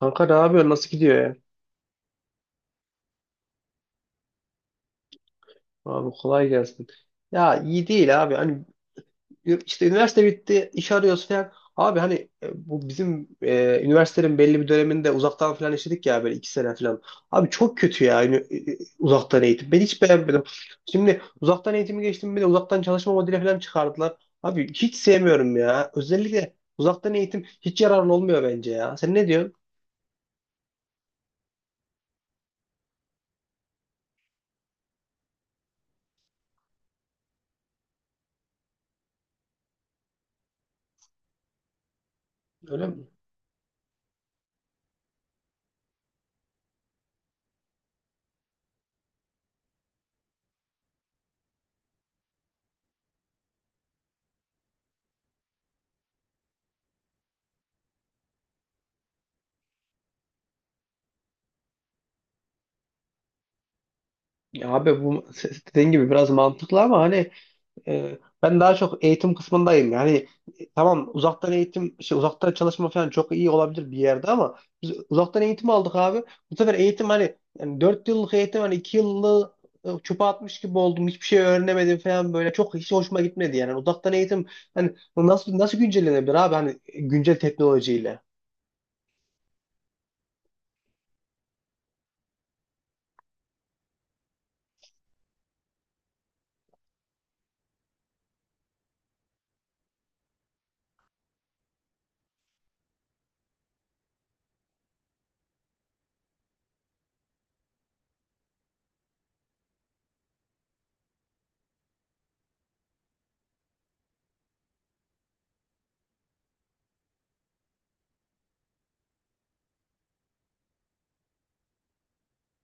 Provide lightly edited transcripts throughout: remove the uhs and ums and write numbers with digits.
Kanka ne yapıyorsun? Nasıl gidiyor ya? Abi kolay gelsin. Ya iyi değil abi. İşte üniversite bitti, iş arıyoruz falan. Abi hani bu bizim üniversitenin belli bir döneminde uzaktan falan işledik ya böyle iki sene falan. Abi çok kötü ya yani, uzaktan eğitim. Ben hiç beğenmedim. Şimdi uzaktan eğitimi geçtim bir de uzaktan çalışma modeli falan çıkardılar. Abi hiç sevmiyorum ya. Özellikle uzaktan eğitim hiç yararlı olmuyor bence ya. Sen ne diyorsun? Öyle mi? Ya abi bu dediğin gibi biraz mantıklı ama ben daha çok eğitim kısmındayım. Yani tamam uzaktan eğitim, şey, uzaktan çalışma falan çok iyi olabilir bir yerde ama biz uzaktan eğitim aldık abi. Bu sefer eğitim hani yani 4 yıllık eğitim hani 2 yıllık çöpe atmış gibi oldum. Hiçbir şey öğrenemedim falan böyle. Çok hiç hoşuma gitmedi yani. Uzaktan eğitim hani nasıl güncellenebilir abi hani güncel teknolojiyle.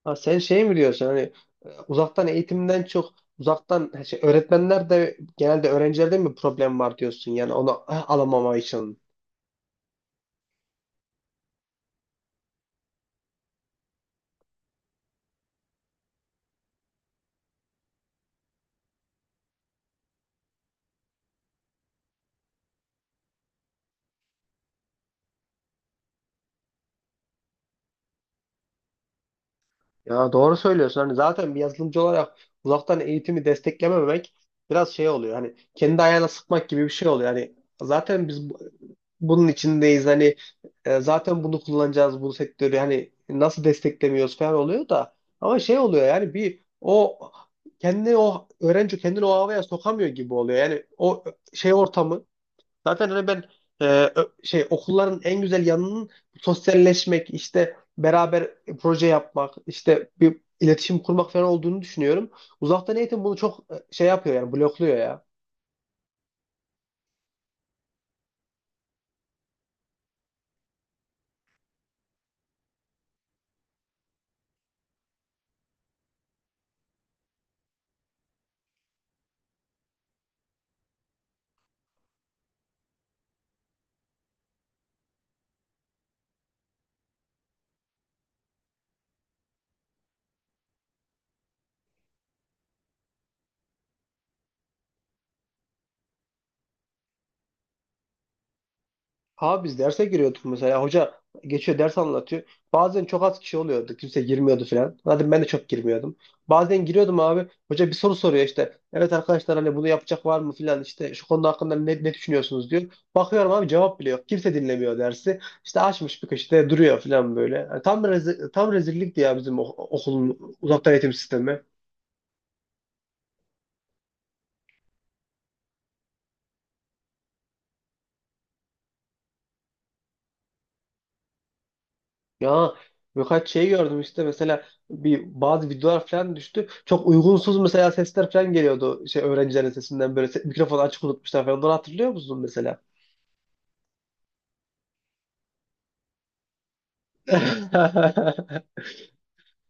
Ha, sen şey mi diyorsun hani uzaktan eğitimden çok uzaktan şey, öğretmenler de genelde öğrencilerde mi problem var diyorsun yani onu alamama için. Ya doğru söylüyorsun. Hani zaten bir yazılımcı olarak uzaktan eğitimi desteklememek biraz şey oluyor. Hani kendi ayağına sıkmak gibi bir şey oluyor. Hani zaten bunun içindeyiz. Hani zaten bunu kullanacağız bu sektörü. Hani nasıl desteklemiyoruz falan oluyor da ama şey oluyor yani bir o kendini o öğrenci kendini o havaya sokamıyor gibi oluyor. Yani o şey ortamı. Zaten hani e, şey okulların en güzel yanının sosyalleşmek, işte beraber proje yapmak, işte bir iletişim kurmak falan olduğunu düşünüyorum. Uzaktan eğitim bunu çok şey yapıyor yani blokluyor ya. Ha biz derse giriyorduk mesela. Hoca geçiyor ders anlatıyor. Bazen çok az kişi oluyordu. Kimse girmiyordu falan. Zaten ben de çok girmiyordum. Bazen giriyordum abi. Hoca bir soru soruyor işte. Evet arkadaşlar hani bunu yapacak var mı falan işte şu konu hakkında ne düşünüyorsunuz diyor. Bakıyorum abi cevap bile yok. Kimse dinlemiyor dersi. İşte açmış bir köşede duruyor falan böyle. Yani tam rezillikti ya bizim okulun uzaktan eğitim sistemi. Ya birkaç şey gördüm işte mesela bazı videolar falan düştü. Çok uygunsuz mesela sesler falan geliyordu şey öğrencilerin sesinden böyle mikrofonu açık unutmuşlar falan. Onları hatırlıyor musun mesela?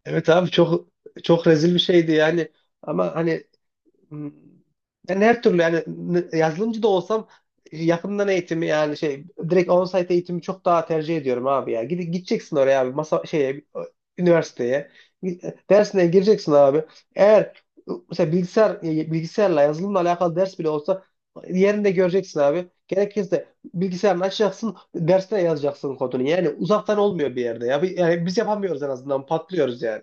Evet abi çok rezil bir şeydi yani. Ama hani. Hmm. Yani her türlü yani yazılımcı da olsam yakından eğitimi yani şey direkt on-site eğitimi çok daha tercih ediyorum abi ya. Gideceksin oraya abi masa şeye, üniversiteye. Dersine gireceksin abi. Eğer mesela bilgisayarla yazılımla alakalı ders bile olsa yerinde göreceksin abi. Gerekirse bilgisayarını açacaksın, dersine yazacaksın kodunu. Yani uzaktan olmuyor bir yerde ya. Yani biz yapamıyoruz en azından patlıyoruz yani.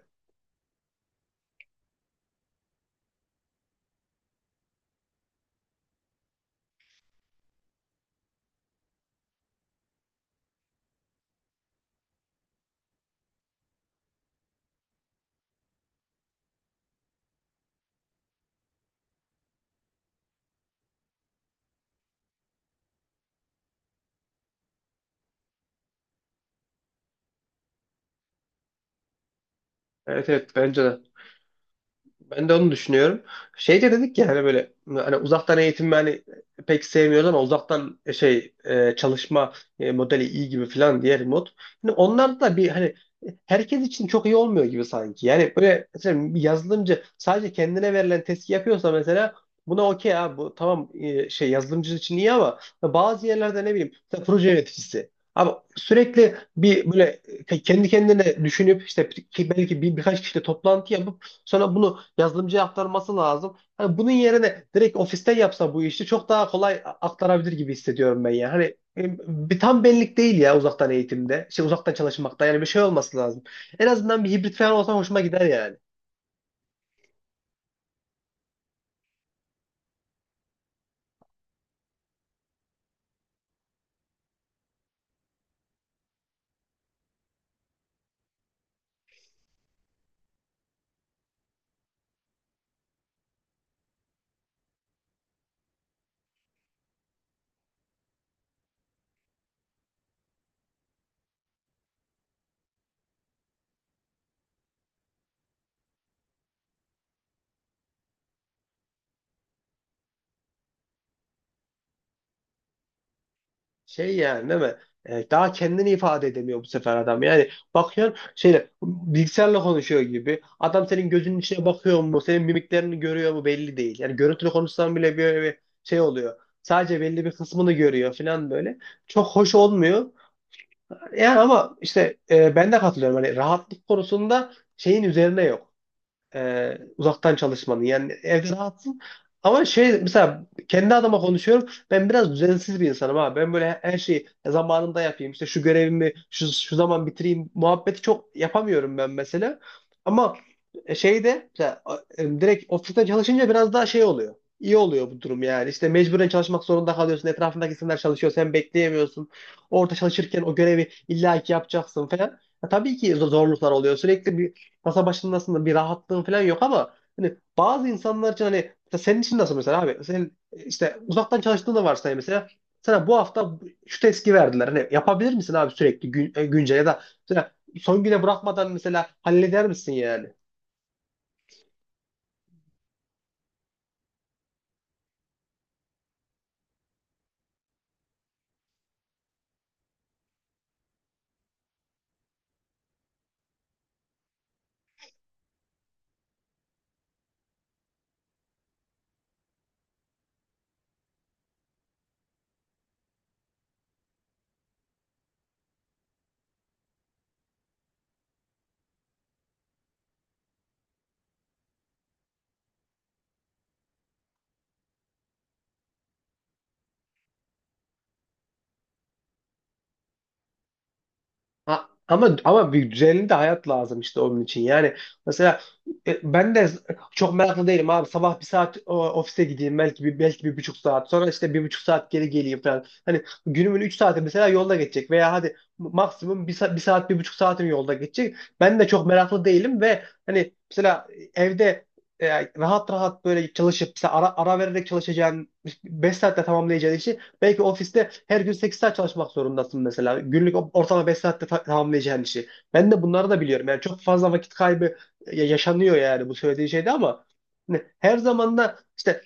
Evet evet bence de. Ben de onu düşünüyorum. Şey de dedik ya hani böyle hani uzaktan eğitim hani pek sevmiyoruz ama uzaktan çalışma modeli iyi gibi falan diğer mod. Hani onlar da bir hani herkes için çok iyi olmuyor gibi sanki. Yani böyle mesela bir yazılımcı sadece kendine verilen testi yapıyorsa mesela buna okey abi bu tamam şey yazılımcı için iyi ama bazı yerlerde ne bileyim mesela proje yöneticisi. Abi sürekli bir böyle kendi kendine düşünüp işte ki belki birkaç kişiyle toplantı yapıp sonra bunu yazılımcıya aktarması lazım. Hani bunun yerine direkt ofiste yapsa bu işi çok daha kolay aktarabilir gibi hissediyorum ben ya. Hani e, bir tam benlik değil ya uzaktan eğitimde. Şey uzaktan çalışmakta yani bir şey olması lazım. En azından bir hibrit falan olsa hoşuma gider yani. Şey yani değil mi? E, daha kendini ifade edemiyor bu sefer adam. Yani bakıyorsun şeyle bilgisayarla konuşuyor gibi. Adam senin gözünün içine bakıyor mu? Senin mimiklerini görüyor mu? Belli değil. Yani görüntülü konuşsan bile böyle bir şey oluyor. Sadece belli bir kısmını görüyor falan böyle. Çok hoş olmuyor. Yani ama işte ben de katılıyorum. Hani rahatlık konusunda şeyin üzerine yok uzaktan çalışmanın. Yani evde rahatsın. Ama şey mesela kendi adıma konuşuyorum. Ben biraz düzensiz bir insanım ha. Ben böyle her şeyi zamanında yapayım. İşte şu görevimi şu zaman bitireyim. Muhabbeti çok yapamıyorum ben mesela. Ama şeyde mesela, direkt ofisten çalışınca biraz daha şey oluyor. İyi oluyor bu durum yani. İşte mecburen çalışmak zorunda kalıyorsun. Etrafındaki insanlar çalışıyor. Sen bekleyemiyorsun. Orada çalışırken o görevi illaki yapacaksın falan. Ya tabii ki zorluklar oluyor. Sürekli bir masa başındasın da bir rahatlığın falan yok ama hani bazı insanlar için hani mesela senin için nasıl mesela abi sen işte uzaktan çalıştığını da varsay mesela sana bu hafta şu testi verdiler hani yapabilir misin abi sürekli güncel ya da mesela son güne bırakmadan mesela halleder misin yani? Ha, ama bir düzenli de hayat lazım işte onun için. Yani mesela ben de çok meraklı değilim abi. Sabah bir saat ofise gideyim belki bir buçuk saat. Sonra işte bir buçuk saat geri geleyim falan. Hani günümün üç saati mesela yolda geçecek veya hadi maksimum bir saat bir buçuk saatim yolda geçecek. Ben de çok meraklı değilim ve hani mesela evde rahat rahat böyle çalışıp mesela ara vererek çalışacağın 5 saatte tamamlayacağın işi. Belki ofiste her gün 8 saat çalışmak zorundasın mesela. Günlük ortalama 5 saatte tamamlayacağın işi. Ben de bunları da biliyorum. Yani çok fazla vakit kaybı yaşanıyor yani bu söylediği şeyde ama hani her zaman da işte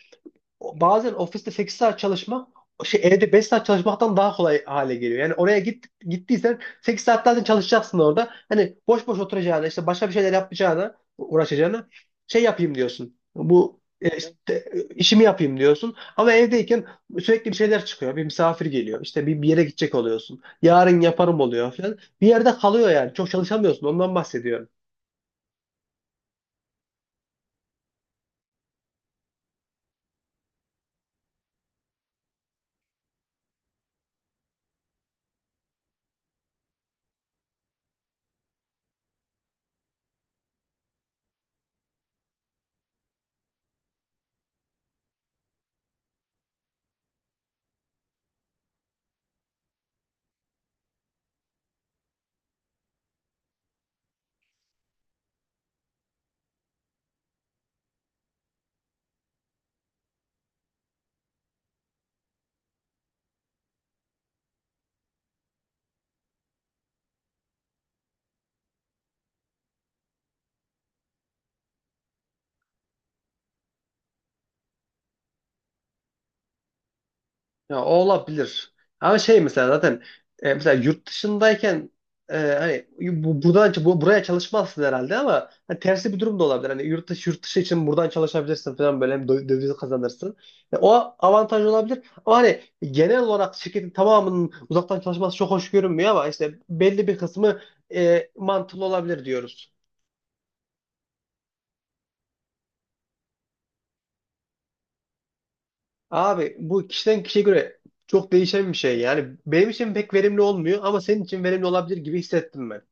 bazen ofiste 8 saat çalışmak şey evde 5 saat çalışmaktan daha kolay hale geliyor. Yani oraya gittiysen 8 saat zaten çalışacaksın orada. Hani boş boş oturacağına işte başka bir şeyler yapacağına uğraşacağına şey yapayım diyorsun. Bu işimi yapayım diyorsun. Ama evdeyken sürekli bir şeyler çıkıyor. Bir misafir geliyor. İşte bir yere gidecek oluyorsun. Yarın yaparım oluyor falan. Bir yerde kalıyor yani. Çok çalışamıyorsun. Ondan bahsediyorum. Ya o olabilir. Ama şey mesela zaten mesela yurt dışındayken hani buradan buraya çalışmazsın herhalde ama hani tersi bir durum da olabilir. Hani yurt dışı için buradan çalışabilirsin falan böyle hem döviz kazanırsın. Yani o avantaj olabilir. Ama hani genel olarak şirketin tamamının uzaktan çalışması çok hoş görünmüyor ama işte belli bir kısmı mantıklı olabilir diyoruz. Abi bu kişiden kişiye göre çok değişen bir şey. Yani benim için pek verimli olmuyor ama senin için verimli olabilir gibi hissettim ben.